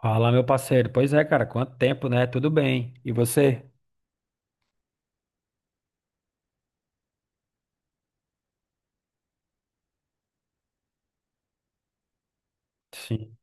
Fala, meu parceiro. Pois é, cara, quanto tempo, né? Tudo bem. E você? Sim.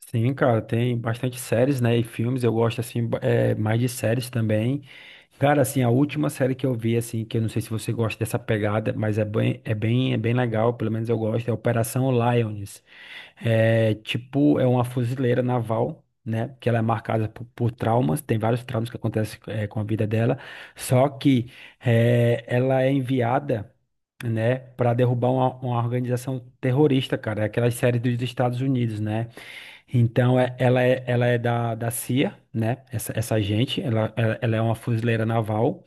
Sim, cara, tem bastante séries, né? E filmes, eu gosto, assim, mais de séries também. Cara, assim, a última série que eu vi, assim, que eu não sei se você gosta dessa pegada, mas é bem legal, pelo menos eu gosto, é Operação Lioness. É tipo, é uma fuzileira naval, né? Que ela é marcada por traumas, tem vários traumas que acontecem com a vida dela. Só que ela é enviada, né, para derrubar uma organização terrorista, cara. É aquela série dos Estados Unidos, né? Então, ela é da CIA, né? Essa gente, ela é uma fuzileira naval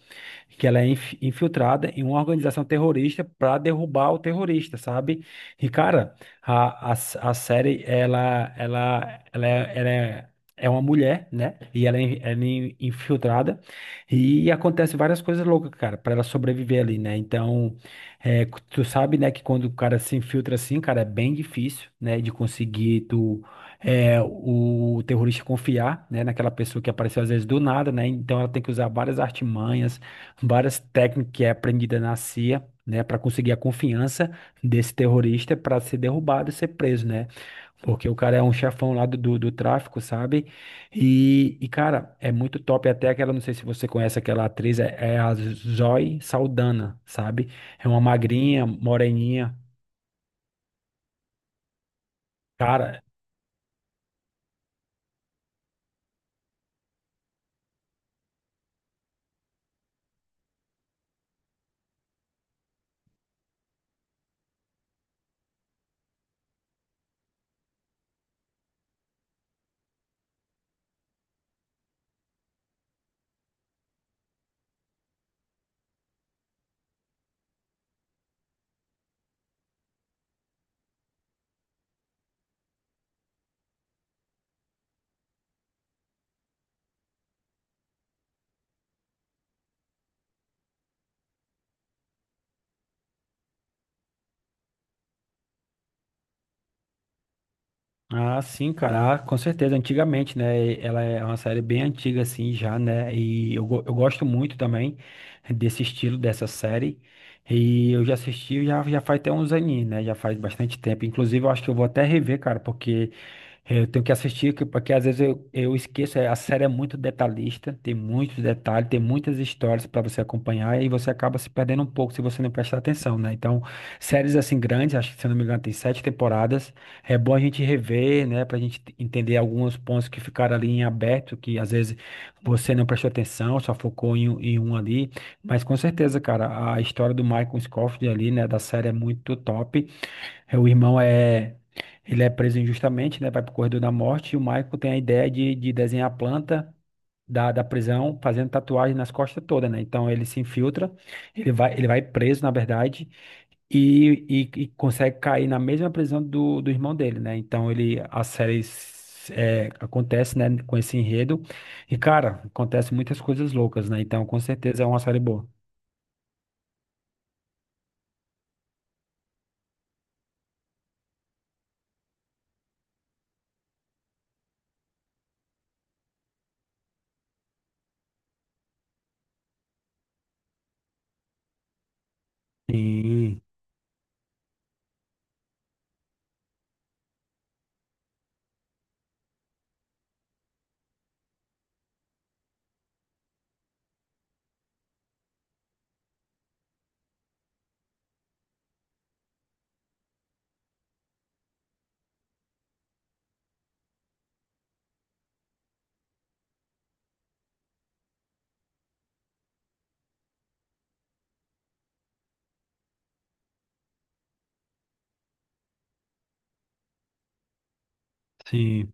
que ela é infiltrada em uma organização terrorista para derrubar o terrorista, sabe? E, cara, a, a, a série, ela é uma mulher, né? E ela é infiltrada e acontece várias coisas loucas, cara, para ela sobreviver ali, né? Então, é, tu sabe, né, que quando o cara se infiltra assim, cara, é bem difícil, né, de conseguir o terrorista confiar, né, naquela pessoa que apareceu às vezes do nada, né? Então ela tem que usar várias artimanhas, várias técnicas que é aprendida na CIA, né, para conseguir a confiança desse terrorista para ser derrubado e ser preso, né? Porque o cara é um chefão lá do tráfico, sabe? E, cara, é muito top. Até aquela, não sei se você conhece aquela atriz, é a Zoe Saldana, sabe? É uma magrinha, moreninha. Cara. Ah, sim, cara, com certeza. Antigamente, né? Ela é uma série bem antiga, assim, já, né? E eu gosto muito também desse estilo dessa série. E eu já assisti já, já faz até uns aninhos, né? Já faz bastante tempo. Inclusive, eu acho que eu vou até rever, cara, porque eu tenho que assistir, porque às vezes eu esqueço. A série é muito detalhista, tem muitos detalhes, tem muitas histórias para você acompanhar e você acaba se perdendo um pouco se você não prestar atenção, né? Então, séries assim grandes, acho que se eu não me engano, tem sete temporadas. É bom a gente rever, né, para a gente entender alguns pontos que ficaram ali em aberto, que às vezes você não prestou atenção, só focou em um ali. Mas com certeza, cara, a história do Michael Scofield ali, né, da série é muito top. O irmão é. Ele é preso injustamente, né, vai pro corredor da morte, e o Michael tem a ideia de desenhar a planta. Da prisão, fazendo tatuagem nas costas toda, né? Então ele se infiltra, ele vai preso, na verdade e, e consegue cair na mesma prisão do irmão dele, né? Então ele a série acontece, né, com esse enredo. E cara, acontece muitas coisas loucas, né? Então com certeza é uma série boa. Sim, sim.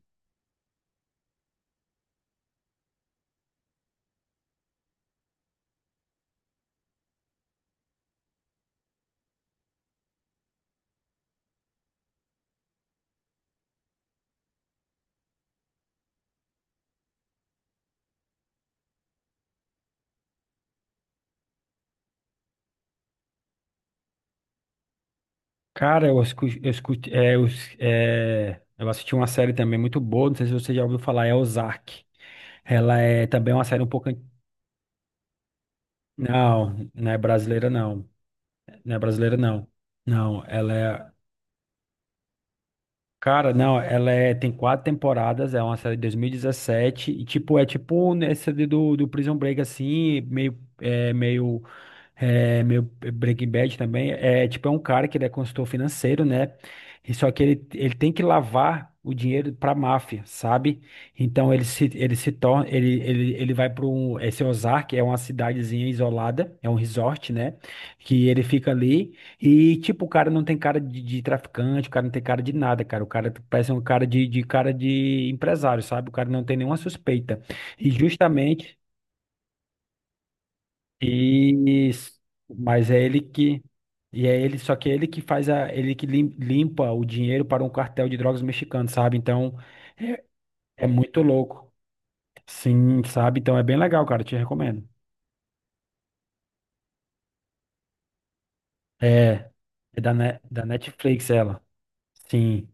Cara, eu escutei, eu escu- é, eu s- é, eu assisti uma série também muito boa, não sei se você já ouviu falar, é Ozark. Ela é também uma série um pouco an-. Não, não é brasileira não. Não é brasileira não. Não, ela é. Cara, não, ela é, tem quatro temporadas, é uma série de 2017, e dezessete, é tipo nessa do Prison Break, assim, meio, meu Breaking Bad também é tipo um cara que ele é consultor financeiro, né? E só que ele tem que lavar o dinheiro para máfia, sabe? Então ele se torna ele ele, ele vai para esse Ozark é uma cidadezinha isolada, é um resort, né? Que ele fica ali e tipo o cara não tem cara de traficante, o cara não tem cara de nada, cara. O cara parece um cara de cara de empresário, sabe? O cara não tem nenhuma suspeita. E justamente, e mas é ele que e é ele, só que é ele que faz, a ele que limpa o dinheiro para um cartel de drogas mexicano, sabe? Então é, é muito louco. Sim, sabe? Então é bem legal, cara, te recomendo. É, é da Netflix ela. Sim,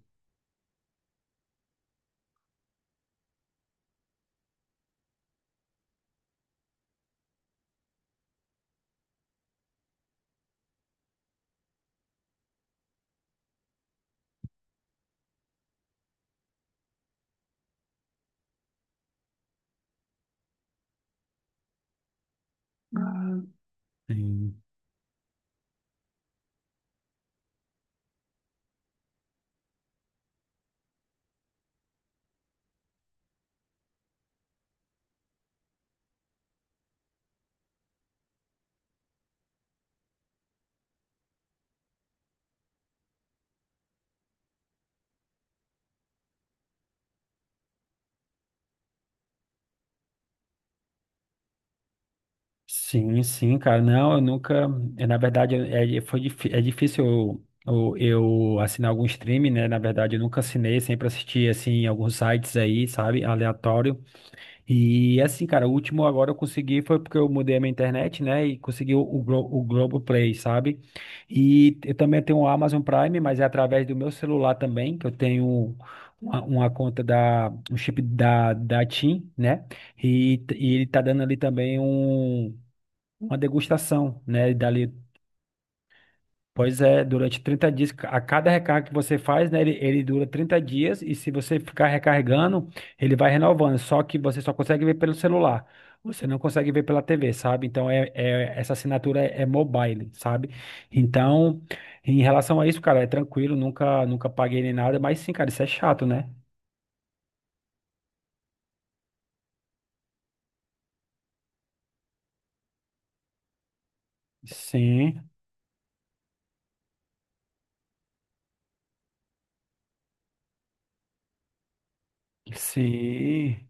sim, sim, sim, cara. Não, eu nunca. Na verdade, é difícil eu, eu, eu assinar algum streaming, né? Na verdade, eu nunca assinei, sempre assisti assim, em alguns sites aí, sabe? Aleatório. E assim, cara, o último agora eu consegui foi porque eu mudei a minha internet, né? E consegui o Globoplay, sabe? E eu também tenho o Amazon Prime, mas é através do meu celular também, que eu tenho uma conta um chip da TIM, né? E, e ele tá dando ali também uma degustação, né? Dali. Pois é, durante 30 dias, a cada recarga que você faz, né, ele dura 30 dias e se você ficar recarregando, ele vai renovando, só que você só consegue ver pelo celular, você não consegue ver pela TV, sabe? Então, essa assinatura é mobile, sabe? Então, em relação a isso, cara, é tranquilo, nunca paguei nem nada, mas sim, cara, isso é chato, né? Sim, sim,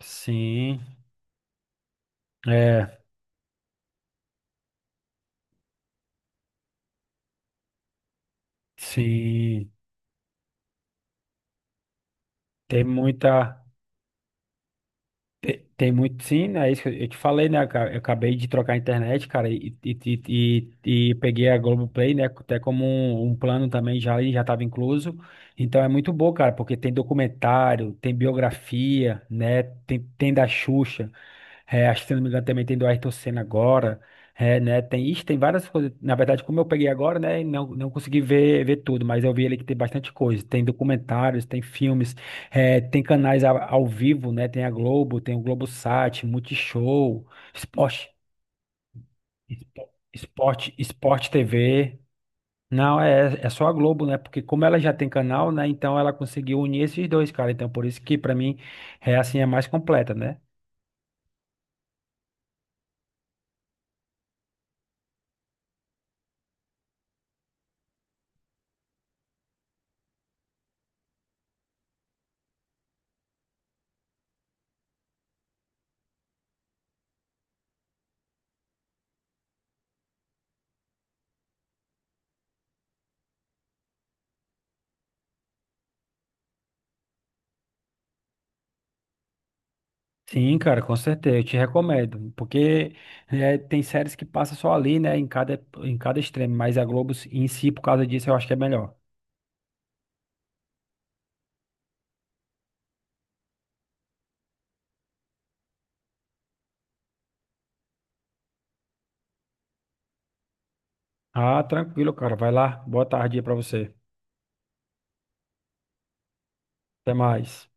sim, é, sim, tem muita... Tem muito, sim, né? É isso que eu te falei, né, cara? Eu acabei de trocar a internet, cara, e peguei a Globoplay, né? Até como um plano também já ali, já estava incluso. Então é muito bom, cara, porque tem documentário, tem biografia, né? Tem da Xuxa, acho que se não me engano também tem do Ayrton Senna agora, né? Tem, ixi, tem várias coisas. Na verdade, como eu peguei agora, né? Não, não consegui ver tudo, mas eu vi ali que tem bastante coisa. Tem documentários, tem filmes. Tem canais ao vivo, né? Tem a Globo, tem o Globosat, Multishow, Esporte, Esporte TV. Não, é só a Globo, né? Porque como ela já tem canal, né? Então ela conseguiu unir esses dois, cara. Então por isso que pra mim é assim, é mais completa, né? Sim, cara, com certeza, eu te recomendo, porque tem séries que passa só ali, né, em cada extremo, mas a Globo em si, por causa disso, eu acho que é melhor. Ah, tranquilo, cara, vai lá, boa tarde aí pra você, até mais.